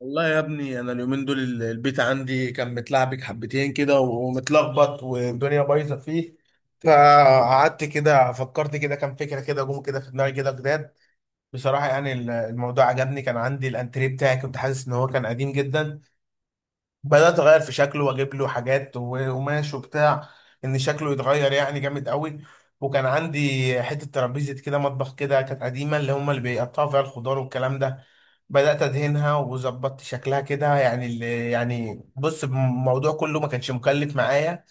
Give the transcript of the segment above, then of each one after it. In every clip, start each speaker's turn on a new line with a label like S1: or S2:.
S1: والله يا ابني انا اليومين دول البيت عندي كان متلعبك حبتين كده ومتلخبط والدنيا بايظه فيه. فقعدت كده فكرت كده كام فكره كده جم كده في دماغي كده جداد. بصراحه يعني الموضوع عجبني، كان عندي الانتريه بتاعي، كنت حاسس ان هو كان قديم جدا. بدأت أغير في شكله وأجيب له حاجات وقماش وبتاع، إن شكله يتغير يعني جامد قوي. وكان عندي حتة ترابيزة كده مطبخ كده كانت قديمة، اللي هما اللي بيقطعوا فيها الخضار والكلام ده. بدأت أدهنها وظبطت شكلها كده، يعني اللي يعني بص الموضوع كله ما كانش مكلف معايا.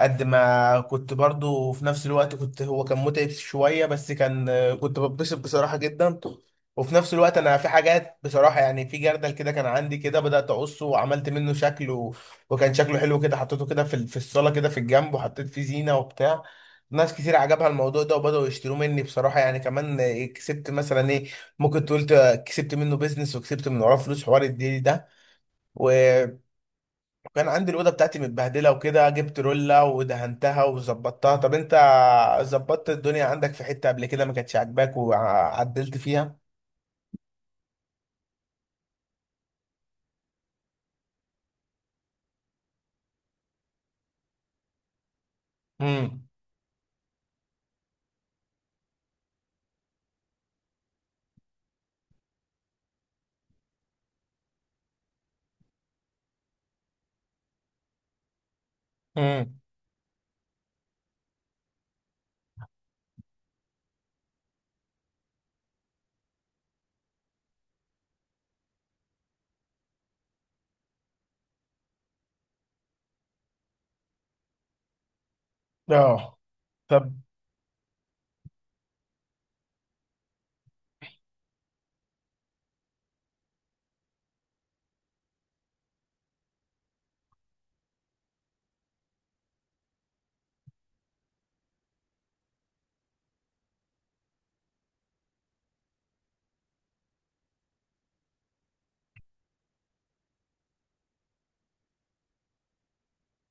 S1: قد ما كنت برضو في نفس الوقت كنت هو كان متعب شوية بس كان كنت بتبسط بصراحة جدا. وفي نفس الوقت انا في حاجات بصراحة يعني، في جردل كده كان عندي كده، بدأت اقصه وعملت منه شكل وكان شكله حلو كده، حطيته كده في في الصالة كده في الجنب وحطيت فيه زينة وبتاع. ناس كتير عجبها الموضوع ده وبدأوا يشتروا مني بصراحة يعني، كمان كسبت مثلا ايه، ممكن تقول كسبت منه بيزنس وكسبت من وراه فلوس حوار الديل ده. كان عندي الاوضه بتاعتي متبهدله وكده، جبت روله ودهنتها وظبطتها. طب انت ظبطت الدنيا عندك في حته قبل كده ما كانتش عاجباك وعدلت فيها؟ امم. امم. اه. طب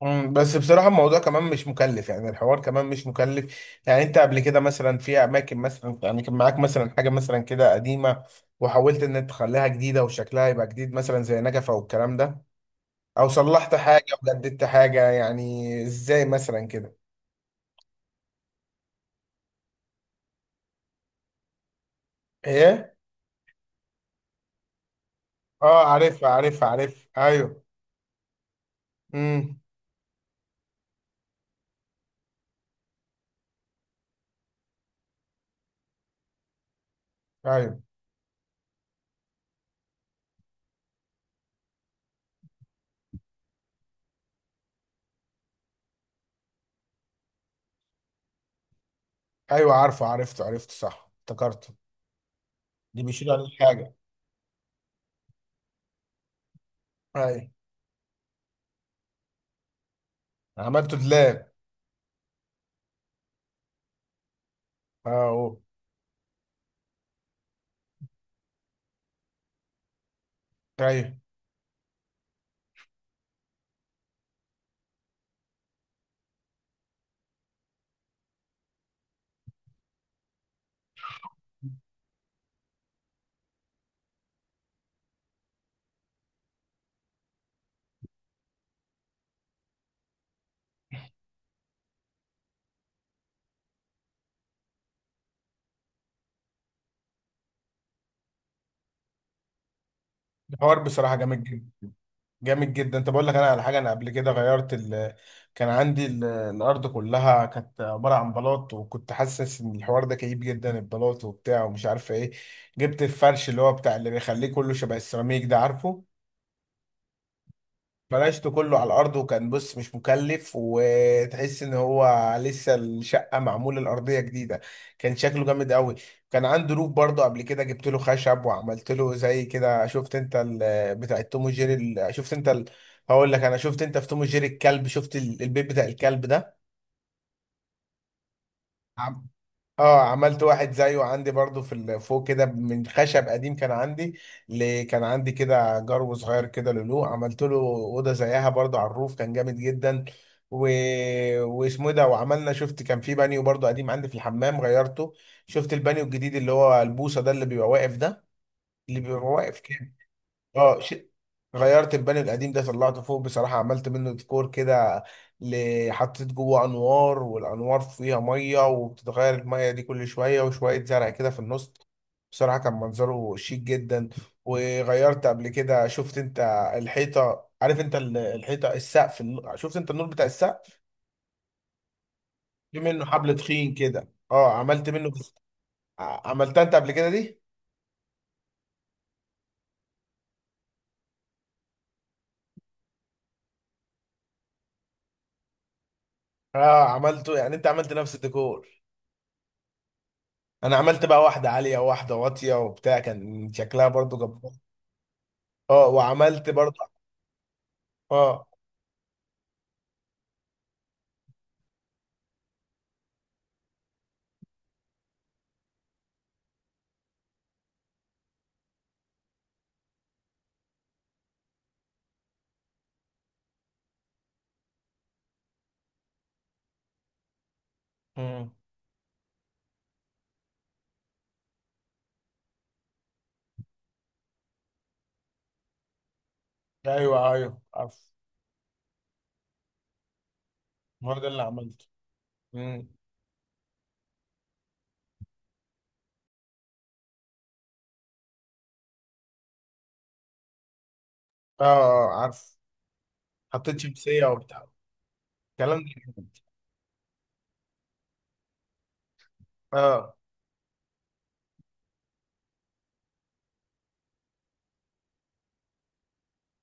S1: مم، بس بصراحة الموضوع كمان مش مكلف، يعني الحوار كمان مش مكلف. يعني انت قبل كده مثلا في اماكن مثلا يعني كان معاك مثلا حاجة مثلا كده قديمة وحاولت ان انت تخليها جديدة وشكلها يبقى جديد، مثلا زي نجفة والكلام ده، او صلحت حاجة وجددت حاجة، يعني ازاي مثلا كده؟ ايه. اه، عارفها عارفها عارف ايوه. امم. ايوه ايوه عارفه، عرفته عرفته صح، افتكرته. دي بيشيل عليه حاجه. ايوه. عملته دلاب. اه أوه. ايوه. الحوار بصراحه جامد جدا. جامد جدا. طب اقول لك انا على حاجه، انا قبل كده غيرت كان عندي الارض كلها كانت عباره عن بلاط، وكنت حاسس ان الحوار ده كئيب جدا، البلاط وبتاع ومش عارفه ايه. جبت الفرش اللي هو بتاع اللي بيخليه كله شبه السيراميك ده، عارفه؟ فرشته كله على الارض وكان بص مش مكلف، وتحس ان هو لسه الشقه معموله الارضيه جديده. كان شكله جامد قوي. كان عنده روف برضه قبل كده، جبت له خشب وعملت له زي كده، شفت انت بتاع توم وجيري هقول لك، انا شفت انت في توم وجيري الكلب، شفت البيت بتاع الكلب ده؟ اه، عملت واحد زيه عندي برضو في فوق كده من خشب قديم كان عندي. كان عندي كده جرو صغير كده لولو، عملت له اوضه زيها برضو على الروف كان جامد جدا. و... واسمه إيه ده، وعملنا شفت كان في بانيو برضو قديم عندي في الحمام غيرته. شفت البانيو الجديد اللي هو البوصه ده اللي بيبقى واقف ده، اللي بيبقى واقف؟ اه غيرت البانيو القديم ده، طلعته فوق بصراحة عملت منه ديكور كده. حطيت جوه انوار والانوار فيها مية، وبتتغير المية دي كل شوية، وشوية زرع كده في النص. بصراحة كان منظره شيك جدا. وغيرت قبل كده، شفت انت الحيطة، عارف انت الحيطة السقف شفت انت النور بتاع السقف؟ في منه حبل تخين كده، اه عملت منه. عملتها انت قبل كده دي؟ اه عملته، يعني انت عملت نفس الديكور. انا عملت بقى واحده عاليه وواحده واطيه وبتاع، كان شكلها برضو جبار. اه وعملت برضو. اه. امم. ايوه ايوه عارف. ما هو ده اللي عملته. امم. اه اه عارف. حطيت شمسيه وبتاع. الكلام ده جامد. اه.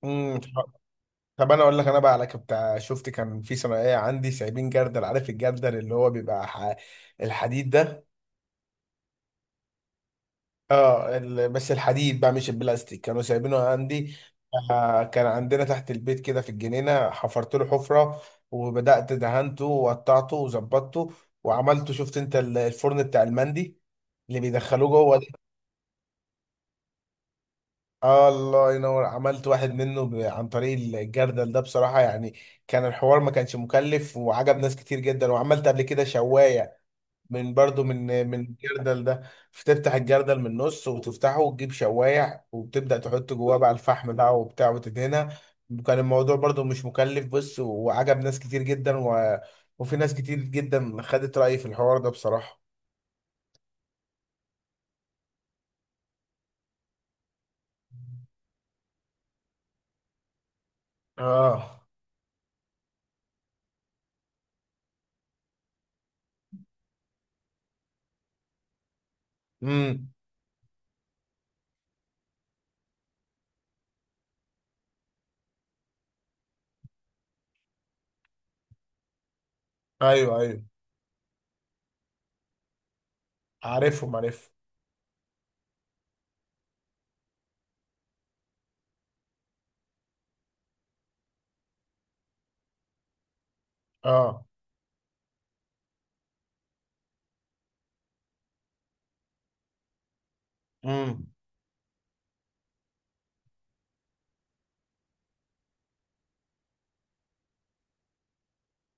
S1: امم. طب انا اقول لك انا بقى على بتاع، شفت كان في ثانويه عندي سايبين جردل، عارف الجردل اللي هو بيبقى الحديد ده؟ اه بس الحديد بقى مش البلاستيك، كانوا سايبينه عندي. آه، كان عندنا تحت البيت كده في الجنينة، حفرت له حفرة وبدأت دهنته وقطعته وظبطته، وعملته شفت انت الفرن بتاع المندي اللي بيدخلوه جوه ده؟ آه الله ينور، عملت واحد منه عن طريق الجردل ده بصراحة يعني. كان الحوار ما كانش مكلف، وعجب ناس كتير جدا. وعملت قبل كده شواية من برضو من الجردل ده، فتفتح الجردل من النص وتفتحه وتجيب شوايع، وبتبدأ تحط جواه بقى الفحم بقى وبتاع وتدهنها. كان الموضوع برضو مش مكلف بص، وعجب ناس كتير جدا. و... وفي ناس كتير جدا خدت رأيي في الحوار ده بصراحة. اه. امم. ايوه ايوه. عارفهم عارفهم. اه. امم.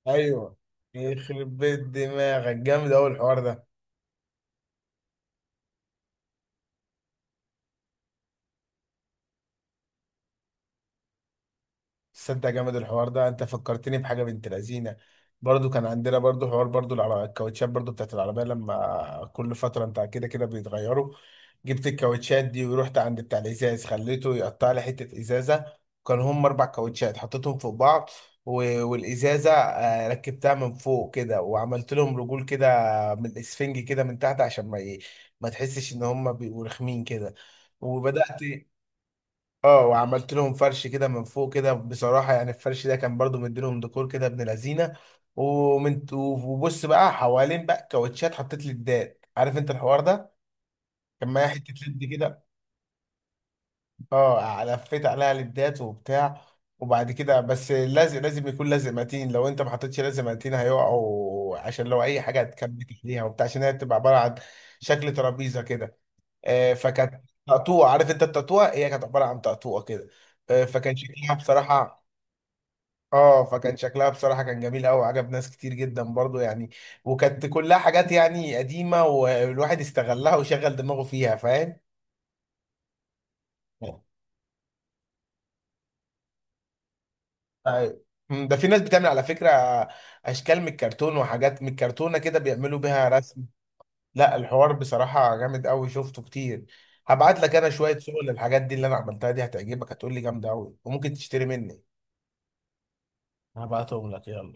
S1: ايوه. يخرب بيت دماغك جامد قوي الحوار ده. تصدق جامد الحوار ده، انت فكرتني بحاجه بنت لذينه. برضو كان عندنا برضو حوار برضو الكاوتشات برضو بتاعت العربيه، لما كل فتره بتاع كده كده بيتغيروا. جبت الكاوتشات دي ورحت عند بتاع الازاز، خليته يقطع لي حته ازازه. كان هم اربع كاوتشات حطيتهم فوق بعض، والازازه آه، ركبتها من فوق كده، وعملت لهم رجول كده من الاسفنج كده من تحت عشان ما تحسش ان هم بيبقوا رخمين كده. وبدات. اه وعملت لهم فرش كده من فوق كده، بصراحة يعني الفرش ده كان برضو مديلهم ديكور كده ابن لذينة. وبص بقى حوالين بقى كاوتشات، حطيت ليدات، عارف انت الحوار ده؟ كان معايا حتة ليد كده. اه لفيت عليها ليدات وبتاع. وبعد كده بس لازم، لازم يكون لازق متين، لو انت ما حطيتش لازق متين هيقعوا، عشان لو اي حاجة هتكبت عليها وبتاع، عشان هي بتبقى عبارة عن شكل ترابيزة كده. آه، فكانت تقطوع، عارف انت التقطوع؟ هي كانت عبارة عن تقطوع كده. آه، فكان شكلها بصراحة. اه فكان شكلها بصراحة كان جميل قوي، عجب ناس كتير جدا برضو يعني. وكانت كلها حاجات يعني قديمة، والواحد استغلها وشغل دماغه فيها، فاهم؟ أيوة. مم، ده في ناس بتعمل على فكرة اشكال من الكرتون وحاجات من الكرتونة كده، بيعملوا بيها رسم. لا الحوار بصراحة جامد قوي، شفته كتير. هبعت لك انا شوية صور للحاجات دي اللي انا عملتها دي، هتعجبك هتقول لي جامدة قوي، وممكن تشتري مني. هبعتهم لك يلا.